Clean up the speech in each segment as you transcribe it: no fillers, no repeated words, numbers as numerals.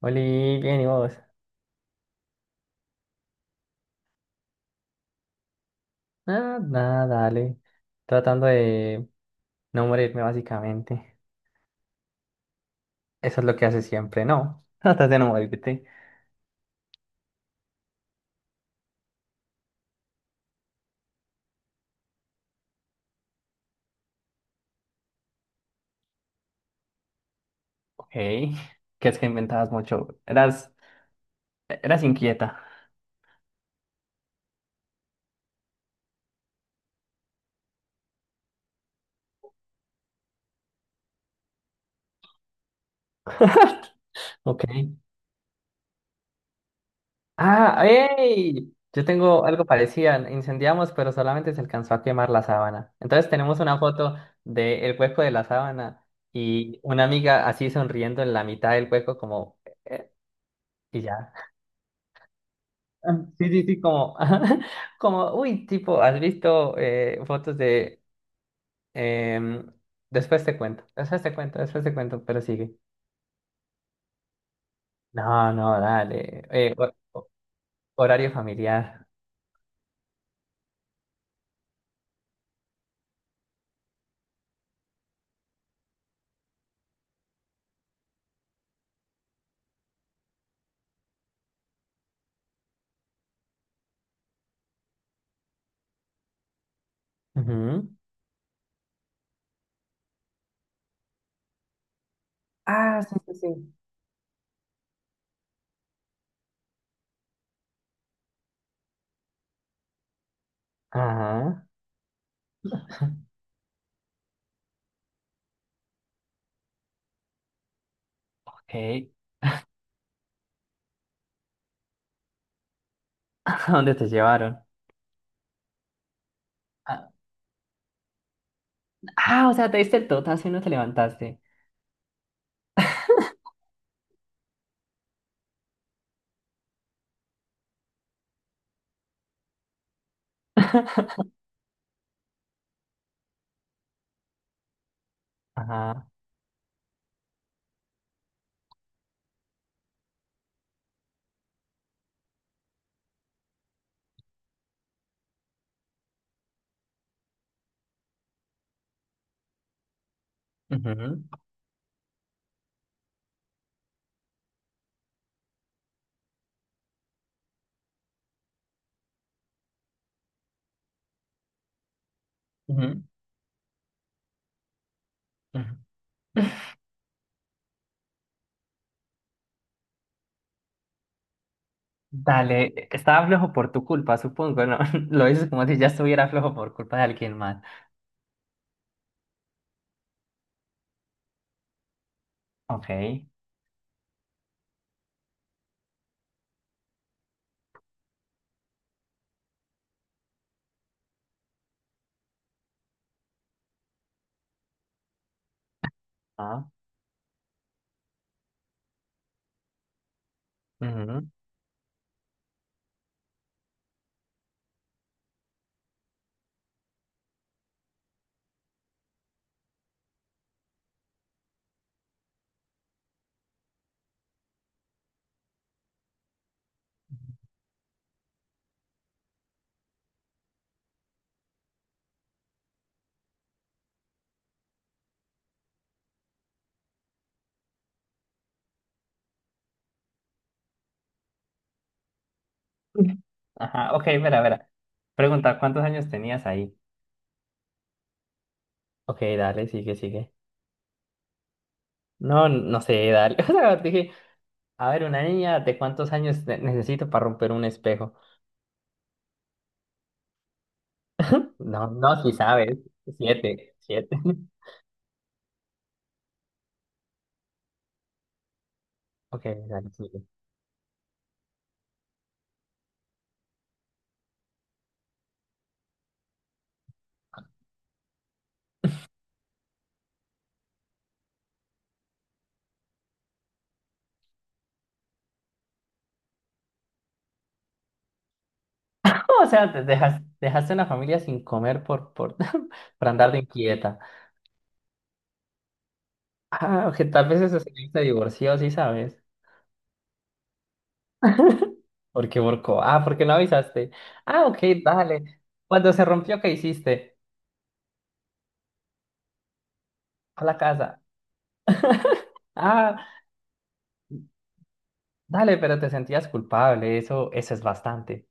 Oli, bien, ¿y vos? Nada, nada, dale. Tratando de no morirme, básicamente. Eso es lo que haces siempre, ¿no? Tratas de no morirte. Ok. ¿Qué es que inventabas mucho? Eras inquieta. Ok. Ah, ¡ey! Yo tengo algo parecido. Incendiamos, pero solamente se alcanzó a quemar la sábana. Entonces tenemos una foto del hueco de la sábana y una amiga así sonriendo en la mitad del hueco como eh, Y ya. Ah, sí, sí, sí, como, como, uy, tipo, has visto fotos de, em, después te cuento, después te cuento, después te cuento, pero sigue. No, no, dale, horario familiar. Ujú. Ah, sí, sí, sí. Ajá, ok. ¿A dónde te llevaron? Ah, ah, o sea, te diste el totazo y no te levantaste. Ajá. Ujú, ujú, ujú. Dale, estaba flojo por tu culpa, supongo, ¿no? Lo dices como si ya estuviera flojo por culpa de alguien más. Ok. Ah, ujú. Ajá, ok, verá, verá. Pregunta, ¿cuántos años tenías ahí? Ok, dale, sigue, sigue. No, no sé, dale. O sea, dije, a ver, una niña, ¿de cuántos años necesito para romper un espejo? No, no, si sabes. Siete, siete. Ok, dale, sigue. O sea, dejaste una familia sin comer por andar de inquieta. Ah, ok, tal vez eso se divorció, sí sabes. ¿Por qué borcó? Ah, porque no avisaste. Ah, ok, dale. Cuando se rompió, ¿qué hiciste? A la casa. Ah, dale, pero te sentías culpable, eso es bastante.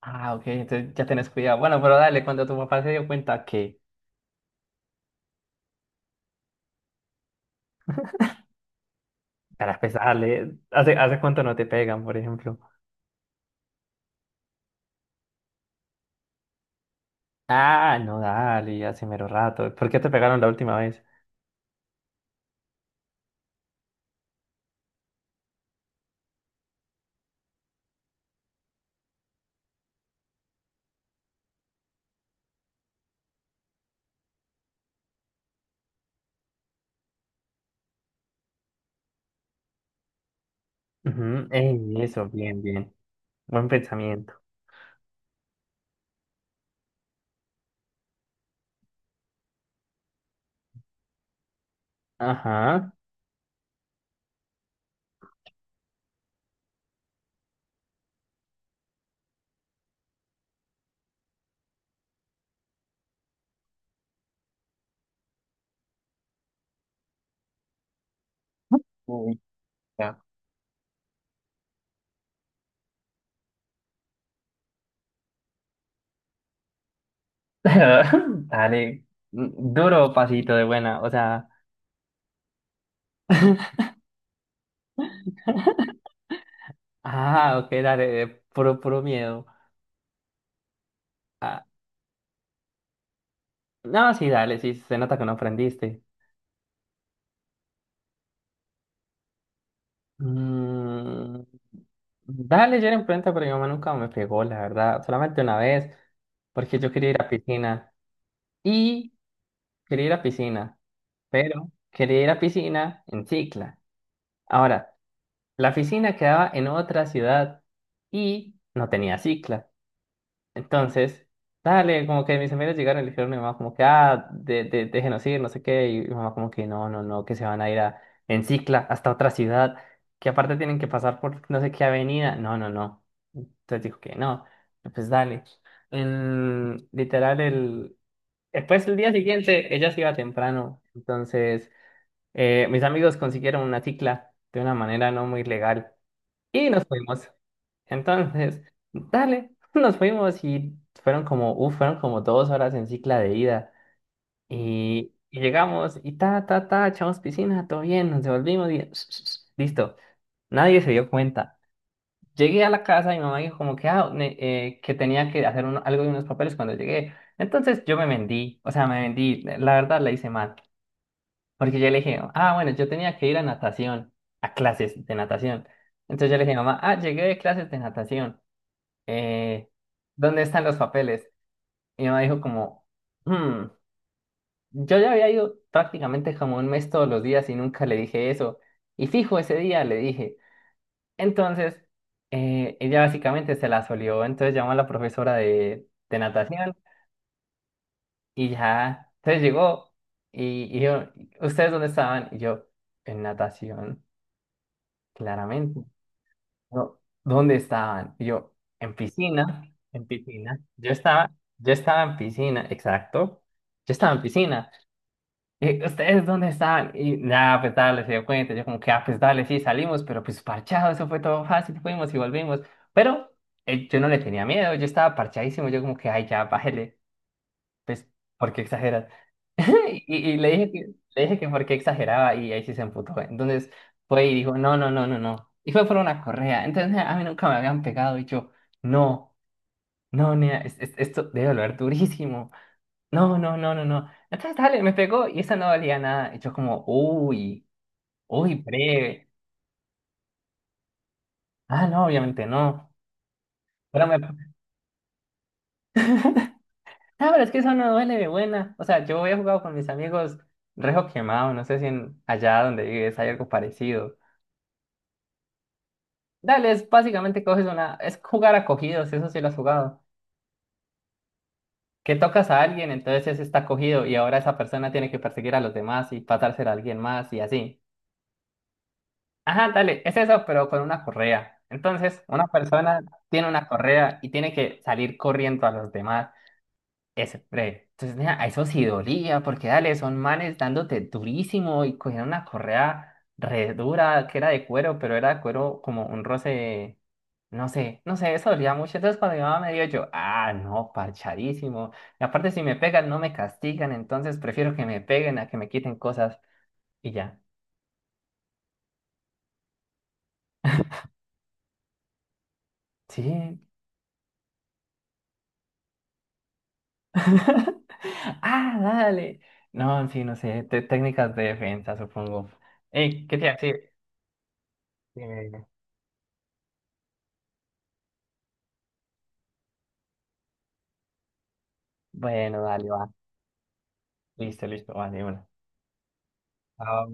Ah, ok, entonces ya tenés cuidado. Bueno, pero dale, cuando tu papá se dio cuenta que, para empezarle, ¿hace cuánto no te pegan, por ejemplo? Ah, no, dale, hace mero rato. ¿Por qué te pegaron la última vez? Ujú, ey, eso, bien, bien. Buen pensamiento. Ajá. Uy, ya. Dale, duro pasito de buena, o sea, ah, ok, dale, puro, puro miedo. Ah, no, sí, dale, sí, se nota que no aprendiste. Mm, dale, yo era en planta, pero mi mamá nunca me pegó, la verdad. Solamente una vez, porque yo quería ir a piscina. Y quería ir a piscina, pero quería ir a piscina en cicla. Ahora, la piscina quedaba en otra ciudad y no tenía cicla. Entonces, dale, como que mis amigos llegaron y le dijeron a mi mamá como que, ah, déjenos ir, no sé qué, y mi mamá como que, no, no, no, que se van a ir a, en cicla hasta otra ciudad, que aparte tienen que pasar por no sé qué avenida, no, no, no. Entonces dijo que no, pues dale. Literal, después el día siguiente, ella se iba temprano, entonces mis amigos consiguieron una cicla de una manera no muy legal y nos fuimos. Entonces, dale, nos fuimos y fueron como 2 horas en cicla de ida. Y llegamos y ta, ta, ta, echamos piscina, todo bien, nos devolvimos y listo. Nadie se dio cuenta. Llegué a la casa y mi mamá dijo como que, ah, que tenía que hacer algo de unos papeles cuando llegué. Entonces yo me vendí, o sea, me vendí, la verdad la hice mal, porque yo le dije, ah, bueno, yo tenía que ir a natación, a clases de natación. Entonces yo le dije, mamá, ah, llegué de clases de natación eh, ¿dónde están los papeles? Y mi mamá dijo como, "Hmm, yo ya había ido prácticamente como un mes todos los días y nunca le dije eso. Y fijo, ese día le dije. Entonces, ella básicamente se la solió, entonces llamó a la profesora de, natación y ya, entonces llegó y yo, ¿ustedes dónde estaban? Y yo, en natación, claramente. No, ¿dónde estaban? Y yo, en piscina, en piscina. Yo estaba en piscina, exacto. Yo estaba en piscina. Y, ¿ustedes dónde estaban? Y nada, pues dale, se dio cuenta. Yo como que, ah, pues dale, sí, salimos, pero pues parchado, eso fue todo fácil, fuimos y volvimos. Pero yo no le tenía miedo, yo estaba parchadísimo, yo como que, ay, ya, bájele pues, ¿por qué exageras? Y le dije que por qué exageraba y ahí sí se emputó. Entonces fue y dijo, no, no, no, no, no. Y fue por una correa. Entonces a mí nunca me habían pegado y yo, no, no, nea, esto debe doler durísimo. No, no, no, no, no. Entonces dale, me pegó y esa no valía nada. Y yo como, uy, uy, breve. Ah, no, obviamente no. No, pero es que eso no duele de buena. O sea, yo había jugado con mis amigos rejo quemado. No sé si en allá donde vives hay algo parecido. Dale, es básicamente es jugar a cogidos, eso sí lo has jugado. Que tocas a alguien, entonces ese está cogido y ahora esa persona tiene que perseguir a los demás y pasársela a alguien más y así. Ajá, dale, es eso, pero con una correa. Entonces, una persona tiene una correa y tiene que salir corriendo a los demás. Ese, breve. Entonces, nea, a eso sí dolía, porque dale, son manes dándote durísimo y cogieron una correa re dura que era de cuero, pero era de cuero como un roce, no sé, no sé, eso dolía mucho. Entonces, cuando mi mamá me dio, yo, ah, no, parchadísimo. Y aparte, si me pegan, no me castigan, entonces prefiero que me peguen a que me quiten cosas y ya. Sí. Ah, dale. No, en fin, no sé, técnicas de defensa, supongo. Ey, ¿qué te iba a decir? Eh, Bueno, dale, va. Listo, listo, vale, de una. Ah,